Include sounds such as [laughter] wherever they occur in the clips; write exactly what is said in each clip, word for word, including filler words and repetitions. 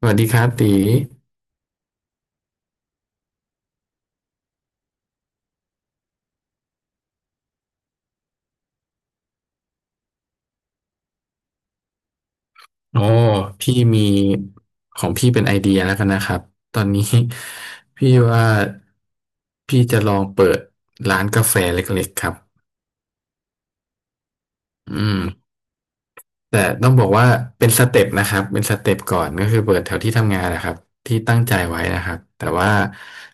สวัสดีครับตีโอ้พี่มีของพี่เป็นไอเดียแล้วกันนะครับ ตอนนี้ [laughs] พี่ว่าพี่จะลองเปิดร้านกาแฟเล็กๆครับอืม แต่ต้องบอกว่าเป็นสเต็ปนะครับเป็นสเต็ปก่อนก็คือเปิดแถวที่ทำงานนะครับที่ตั้งใจไว้นะครับแต่ว่า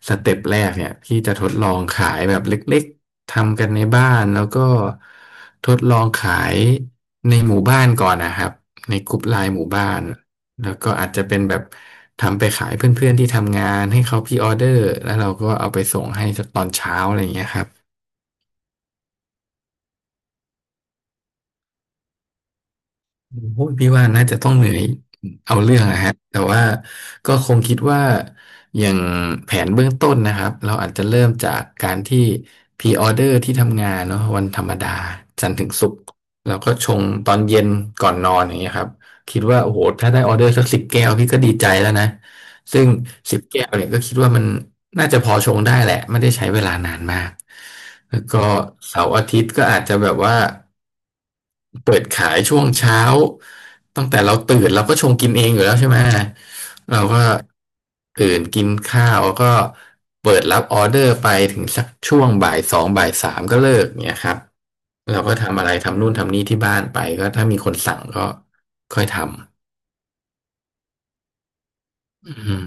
สเต็ปแรกเนี่ยพี่จะทดลองขายแบบเล็กๆทำกันในบ้านแล้วก็ทดลองขายในหมู่บ้านก่อนนะครับในกลุ่มไลน์หมู่บ้านแล้วก็อาจจะเป็นแบบทำไปขายเพื่อนๆที่ทำงานให้เขาพรีออเดอร์แล้วเราก็เอาไปส่งให้ตอนเช้าอะไรอย่างเงี้ยครับ พพี่ว่าน่าจะต้องเหนื่อยเอาเรื่องนะฮะแต่ว่าก็คงคิดว่าอย่างแผนเบื้องต้นนะครับเราอาจจะเริ่มจากการที่พรีออเดอร์ที่ทำงานเนาะวันธรรมดาจันทร์ถึงศุกร์เราก็ชงตอนเย็นก่อนนอนอย่างเงี้ยครับคิดว่าโอ้โหถ้าได้ออเดอร์สักสิบแก้วพี่ก็ดีใจแล้วนะ ซึ่งสิบแก้วเนี่ยก็คิดว่ามันน่าจะพอชงได้แหละไม่ได้ใช้เวลานานมากแล้วก็เสาร์อาทิตย์ก็อาจจะแบบว่าเปิดขายช่วงเช้าตั้งแต่เราตื่นเราก็ชงกินเองอยู่แล้วใช่ไหมเราก็ตื่นกินข้าวแล้วก็เปิดรับออเดอร์ไปถึงสักช่วงบ่ายสองบ่ายสามก็เลิกเนี่ยครับเราก็ทำอะไรทำนู่นทำนี่ที่บ้านไปก็ถ้ามีคนสั่งก็ค่อยทำอืม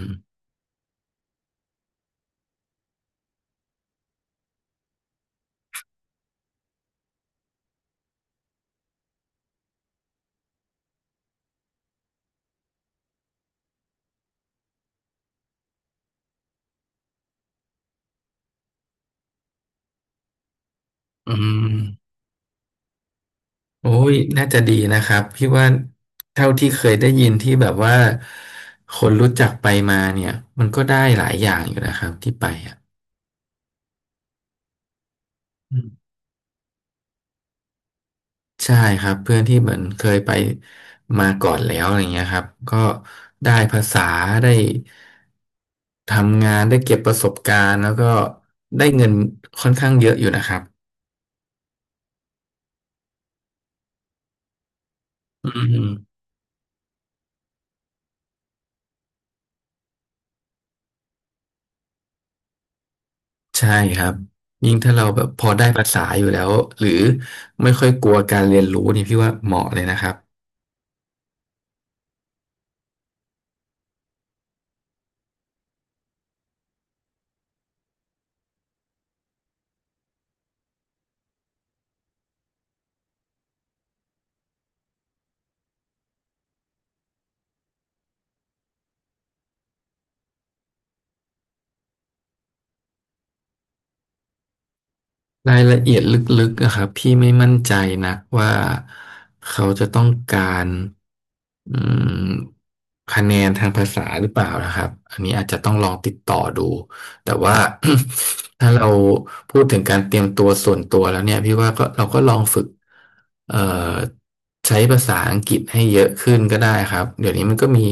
อืม โอ้ยน่าจะดีนะครับพี่ว่าเท่าที่เคยได้ยินที่แบบว่าคนรู้จักไปมาเนี่ยมันก็ได้หลายอย่างอยู่นะครับที่ไปอ่ะอืมใช่ครับเพื่อนที่เหมือนเคยไปมาก่อนแล้วอะไรเงี้ยครับก็ได้ภาษาได้ทำงานได้เก็บประสบการณ์แล้วก็ได้เงินค่อนข้างเยอะอยู่นะครับอืมใช่ครับยิ่งถ้าเราแบบพอได้ภาษาอยู่แล้วหรือไม่ค่อยกลัวการเรียนรู้นี่พี่ว่าเหมาะเลยนะครับ รายละเอียดลึกๆอะครับพี่ไม่มั่นใจนะว่าเขาจะต้องการอืมคะแนนทางภาษาหรือเปล่านะครับอันนี้อาจจะต้องลองติดต่อดู แต่ว่า [coughs] ถ้าเราพูดถึงการเตรียมตัวส่วนตัวแล้วเนี่ยพี่ว่าก็เราก็ลองฝึกเอ่อใช้ภาษาอังกฤษให้เยอะขึ้นก็ได้ครับเดี๋ยวนี้มันก็มี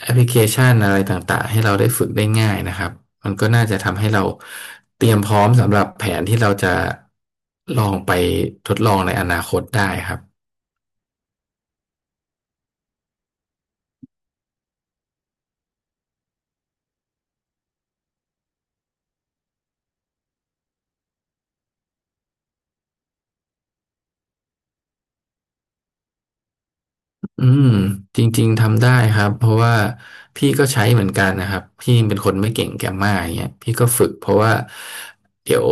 แอปพลิเคชันอะไรต่างๆให้เราได้ฝึกได้ง่ายนะครับมันก็น่าจะทำให้เราเตรียมพร้อมสำหรับแผนที่เราจะลองไปทดลองในอนาคตได้ครับ อืมจริงๆทำได้ครับเพราะว่าพี่ก็ใช้เหมือนกันนะครับพี่เป็นคนไม่เก่งแกมมาอย่างเงี้ยพี่ก็ฝึกเพราะว่าเดี๋ยว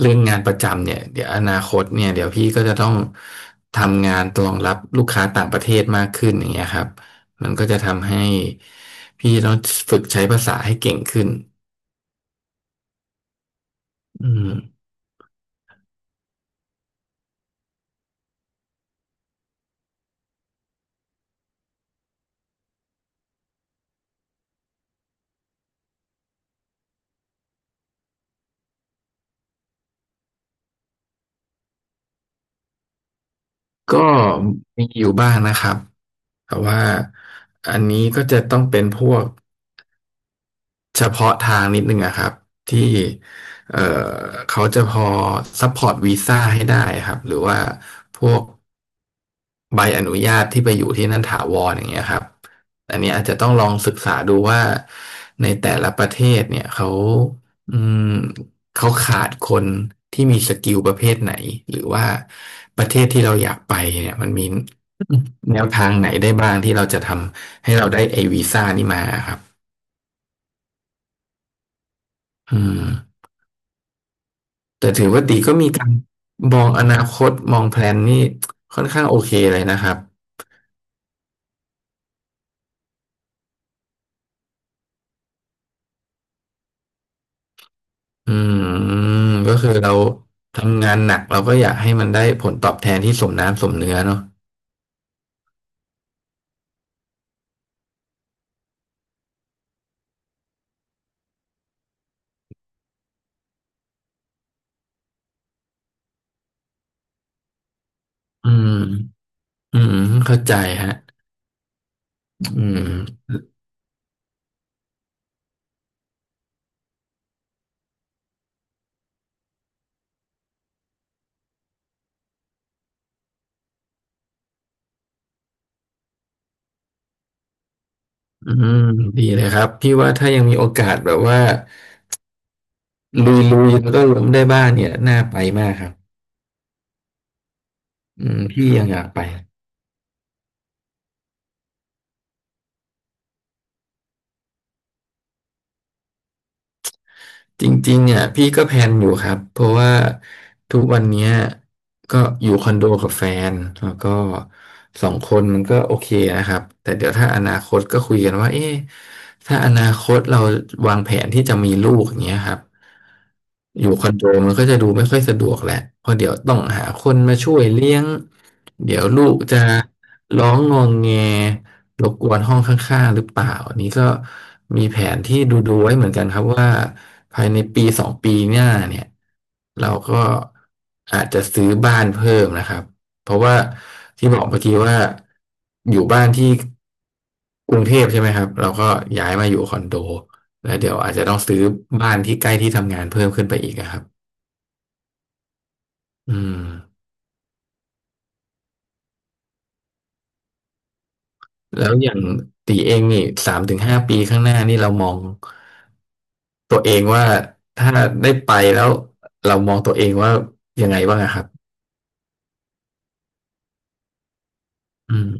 เรื่องงานประจำเนี่ยเดี๋ยวอนาคตเนี่ยเดี๋ยวพี่ก็จะต้องทำงานรองรับลูกค้าต่างประเทศมากขึ้นอย่างเงี้ยครับมันก็จะทำให้พี่ต้องฝึกใช้ภาษาให้เก่งขึ้นอืมก็มีอยู่บ้างนะครับแต่ว่าอันนี้ก็จะต้องเป็นพวก เฉพาะทางนิดนึงอะครับที่เอ่อเขาจะพอซัพพอร์ตวีซ่าให้ได้ครับหรือว่าพวกใบอนุญาตที่ไปอยู่ที่นั่นถาวรอย่างเงี้ยครับอันนี้อาจจะต้องลองศึกษาดูว่าในแต่ละประเทศเนี่ยเขาอืมเขาขาดคนที่มีสกิลประเภทไหนหรือว่าประเทศที่เราอยากไปเนี่ยมันมีแนวทางไหนได้บ้างที่เราจะทำให้เราได้ไอวีซ่านี่มาครับอืม แต่ถือว่าตีก็มีการมองอนาคตมองแพลนนี่ค่อนข้างโอเคเลยนะครับอืมก็คือเราทำงานหนักเราก็อยากให้มันได้ผลตอบแทนที่สมน้ำสมเนื้อเนาะอืมอืมเข้าใจฮะอืมอืมดีเลยครับพี่ว่าถ้ายังมีโอกาสแบบว่าลุยๆแล้วก็ล้มได้บ้างเนี่ยน่าไปมากครับอืมพี่ยังอยากไป จริงๆอ่ะพี่ก็แพลนอยู่ครับเพราะว่าทุกวันเนี้ยก็อยู่คอนโดกับแฟนแล้วก็สองคนมันก็โอเคนะครับแต่เดี๋ยวถ้าอนาคตก็คุยกันว่าเอ๊ะถ้าอนาคตเราวางแผนที่จะมีลูกอย่างเงี้ยครับอยู่คอนโดมันก็จะดูไม่ค่อยสะดวกแหละเพราะเดี๋ยวต้องหาคนมาช่วยเลี้ยงเดี๋ยวลูกจะ ร้องงองแงรบกวนห้องข้างๆหรือเปล่าอันนี้ก็มีแผนที่ดูๆไว้เหมือนกันครับว่าภายในปีสองปีหน้าเนี่ยเราก็อาจจะซื้อบ้านเพิ่มนะครับเพราะว่าที่บอกเมื่อกี้ว่าอยู่บ้านที่กรุงเทพใช่ไหมครับเราก็ย้ายมาอยู่คอนโดแล้วเดี๋ยวอาจจะต้องซื้อบ้านที่ใกล้ที่ทำงานเพิ่มขึ้นไปอีกอะครับอืม แล้วอย่างตีเองนี่สามถึงห้าปีข้างหน้านี่เรามองตัวเองว่าถ้าได้ไปแล้วเรามองตัวเองว่ายังไงบ้างอะครับอืม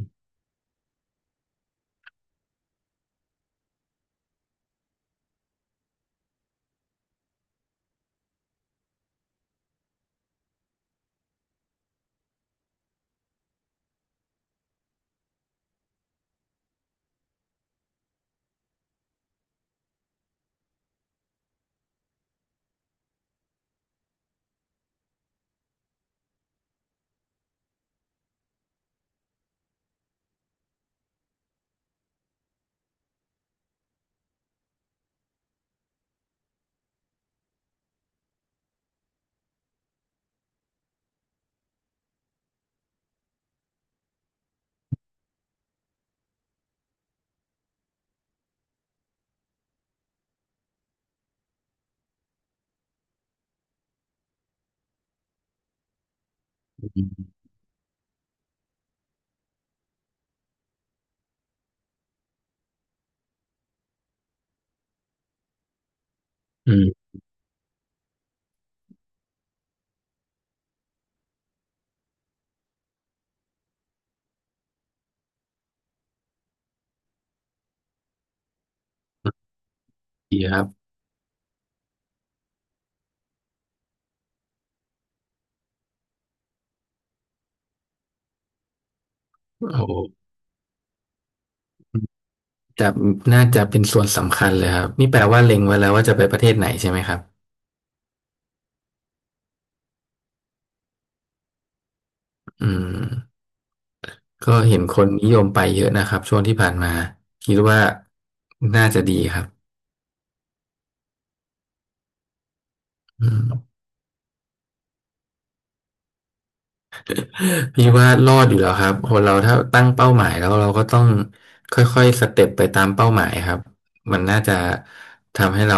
อืมดีครับโอ้โหจะน่าจะเป็นส่วนสำคัญเลยครับนี่แปลว่าเล็งไว้แล้วว่าจะไปประเทศไหนใช่ไหมครับอืมก็เห็นคนนิยมไปเยอะนะครับช่วงที่ผ่านมาคิดว่าน่าจะดีครับอืม พี่ว่ารอดอยู่แล้วครับคนเราถ้าตั้งเป้าหมายแล้วเราก็ต้องค่อยๆสเต็ปไปตามเป้าหมายครับมันน่าจะทำให้เรา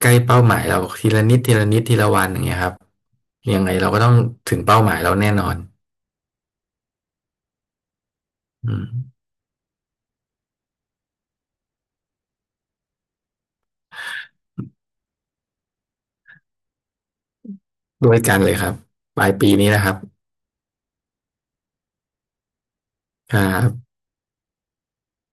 ใกล้เป้าหมายเราทีละนิดทีละนิดทีละวันอย่างเงี้ยครับยังไงเราก็ต้องถึงเป้าหมายเราแน่นอนอืมด้วยกันเลยครับปลายปีนี้นะครับครับ